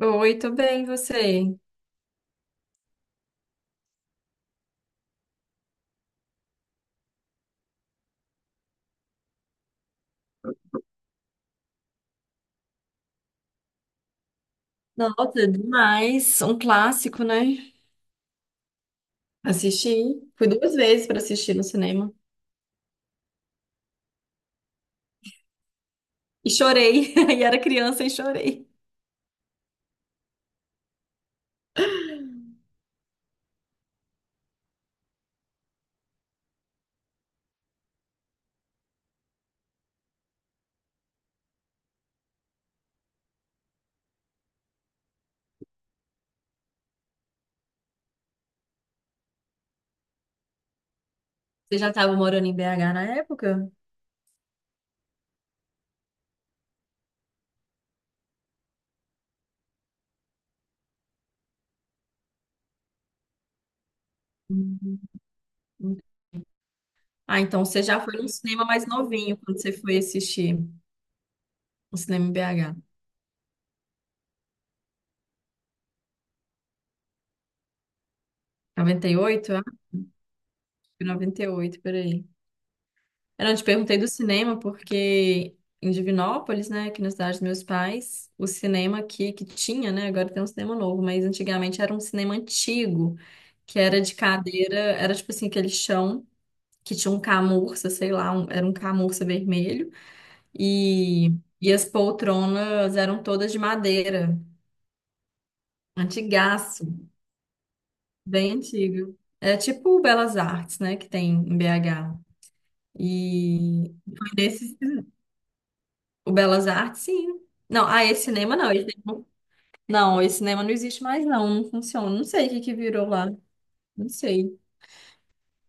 Oi, tô bem, e você? Nossa, demais. Um clássico, né? Assisti. Fui duas vezes pra assistir no cinema. E chorei. E era criança e chorei. Você já estava morando em BH na época? Uhum. Ah, então você já foi num cinema mais novinho quando você foi assistir o cinema em BH. 98? Ah, acho que 98, peraí. Eu não te perguntei do cinema porque em Divinópolis, né, aqui na cidade dos meus pais, o cinema aqui que tinha, né, agora tem um cinema novo, mas antigamente era um cinema antigo, que era de cadeira, era tipo assim, aquele chão que tinha um camurça, sei lá, era um camurça vermelho, e, e as poltronas eram todas de madeira, antigaço, bem antigo. É tipo o Belas Artes, né, que tem em BH. E foi nesse o Belas Artes, sim. Não, ah, esse cinema não. Esse cinema- Não, esse cinema não existe mais, não. Não funciona. Não sei o que que virou lá. Não sei.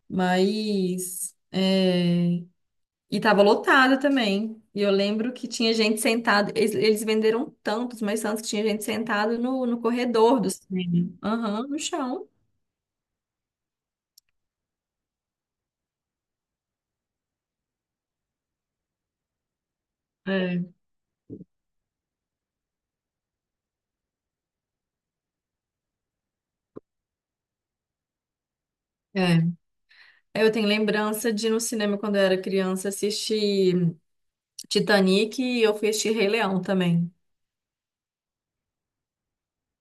Mas é, e tava lotado também. E eu lembro que tinha gente sentada. Eles venderam tantos, mas tantos que tinha gente sentada no corredor do cinema. Aham, no chão. É, é. Eu tenho lembrança de ir no cinema quando eu era criança assistir Titanic e eu fui assistir Rei Leão também.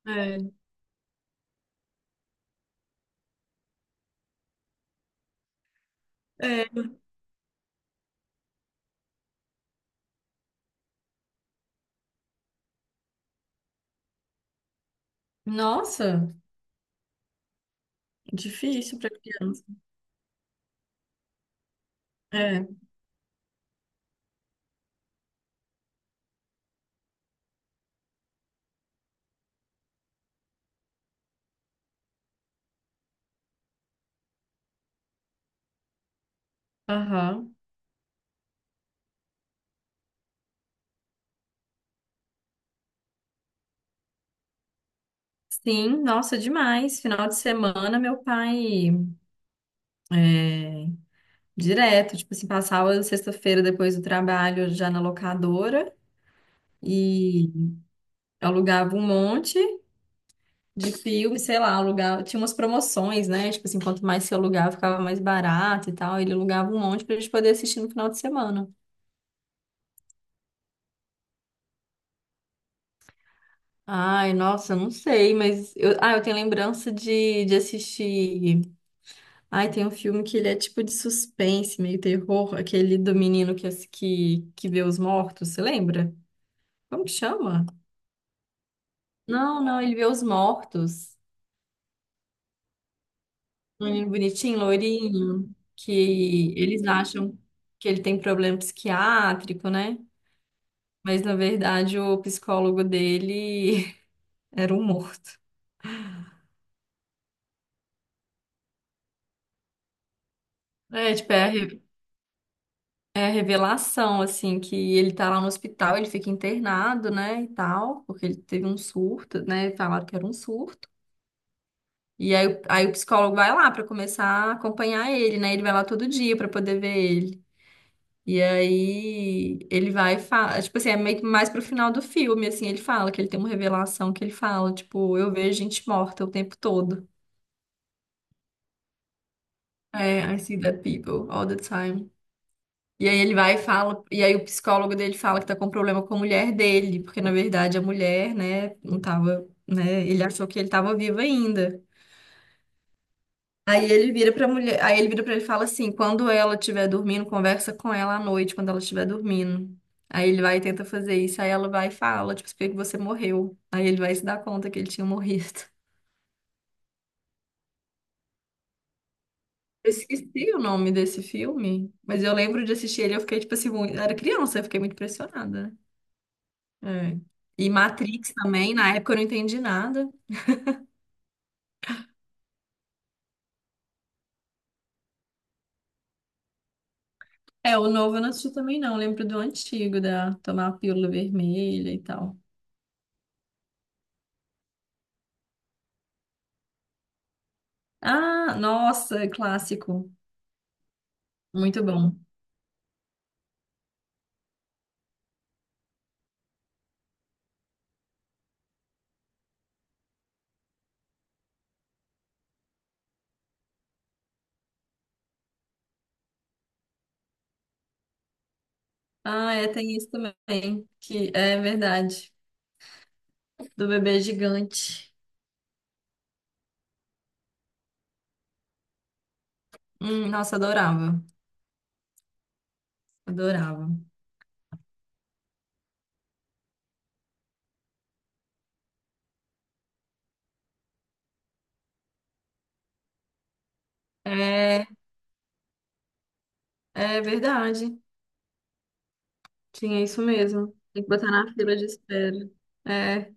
É. É. Nossa! Difícil para criança. É. Aham. Sim, nossa, demais. Final de semana, meu pai é, direto, tipo assim, passava sexta-feira depois do trabalho já na locadora e alugava um monte de filme, sei lá, alugava, tinha umas promoções, né? Tipo assim, quanto mais se alugava, ficava mais barato e tal. Ele alugava um monte pra gente poder assistir no final de semana. Ai, nossa, não sei, mas eu, ah, eu tenho lembrança de assistir. Ai, tem um filme que ele é tipo de suspense, meio terror, aquele do menino que, que vê os mortos, você lembra? Como que chama? Não, não, ele vê os mortos. Um menino bonitinho, loirinho, que eles acham que ele tem problema psiquiátrico, né? Mas na verdade o psicólogo dele era um morto. É, tipo, é a revelação, assim, que ele tá lá no hospital, ele fica internado, né, e tal, porque ele teve um surto, né, falaram que era um surto. E aí, aí o psicólogo vai lá para começar a acompanhar ele, né? Ele vai lá todo dia para poder ver ele. E aí ele vai e tipo assim, é meio que mais pro final do filme, assim, ele fala que ele tem uma revelação que ele fala, tipo, eu vejo gente morta o tempo todo. É, I see dead people all the time. E aí ele vai e fala, e aí o psicólogo dele fala que tá com problema com a mulher dele, porque na verdade a mulher, né, não tava, né, ele achou que ele tava vivo ainda. Aí ele vira pra mulher, aí ele vira pra ele e fala assim, quando ela estiver dormindo, conversa com ela à noite, quando ela estiver dormindo. Aí ele vai e tenta fazer isso, aí ela vai e fala, tipo, por que que você morreu? Aí ele vai se dar conta que ele tinha morrido. Eu esqueci o nome desse filme, mas eu lembro de assistir ele, eu fiquei, tipo assim, muito... eu era criança, eu fiquei muito impressionada. É. E Matrix também, na época eu não entendi nada. É, o novo eu não assisti também não, eu lembro do antigo, da tomar a pílula vermelha e tal. Ah, nossa, é clássico. Muito bom. Ah, é, tem isso também, que é verdade, do bebê gigante. Nossa, adorava, adorava. É, é verdade, tinha isso mesmo. Tem que botar na fila de espera. É,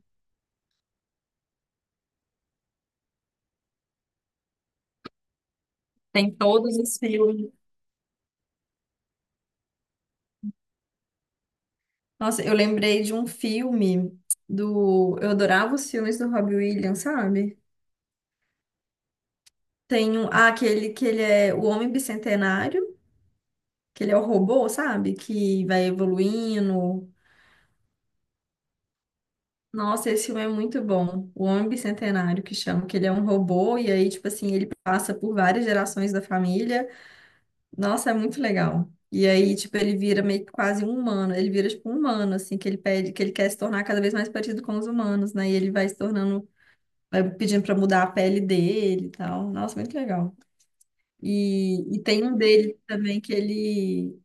tem todos os filmes. Nossa, eu lembrei de um filme do. Eu adorava os filmes do Robbie Williams, sabe? Tem um, ah, aquele que ele é o Homem Bicentenário, que ele é o robô, sabe? Que vai evoluindo. Nossa, esse filme é muito bom. O Homem Bicentenário, que chama, que ele é um robô, e aí, tipo assim, ele passa por várias gerações da família. Nossa, é muito legal. E aí, tipo, ele vira meio que quase um humano. Ele vira, tipo, um humano, assim, que ele pede, que ele quer se tornar cada vez mais parecido com os humanos, né? E ele vai se tornando, vai pedindo pra mudar a pele dele e tal. Nossa, muito legal. E tem um dele também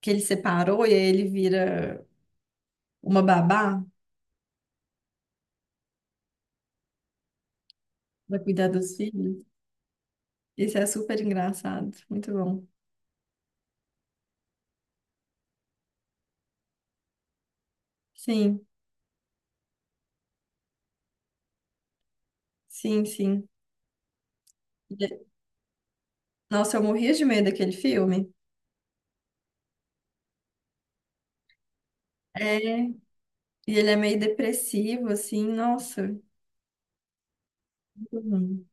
que ele separou, e aí ele vira uma babá pra cuidar dos filhos. Esse é super engraçado, muito bom. Sim, sim, sim. E- Nossa, eu morria de medo daquele filme. É, e ele é meio depressivo, assim, nossa, muito ruim.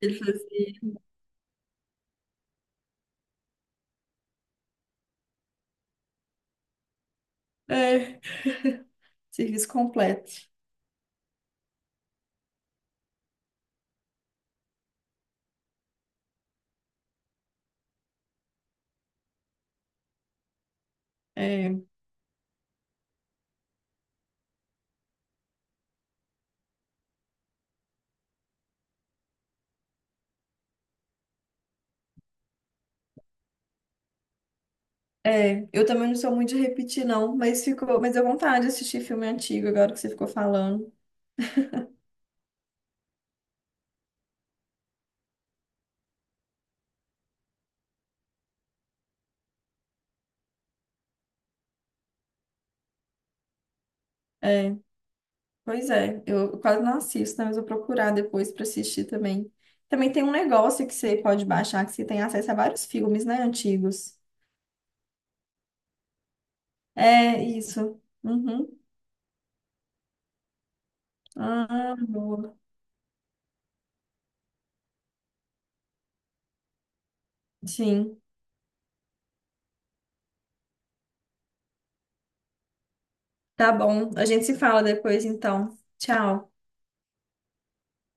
Ele fazia é, serviço completo. É, é, eu também não sou muito de repetir, não, mas ficou, mas deu vontade de assistir filme antigo agora que você ficou falando. É, pois é, eu quase não assisto, né, mas vou procurar depois para assistir também. Também tem um negócio que você pode baixar, que você tem acesso a vários filmes, né, antigos. É, isso. Uhum. Ah, boa. Sim, tá bom. A gente se fala depois, então. Tchau.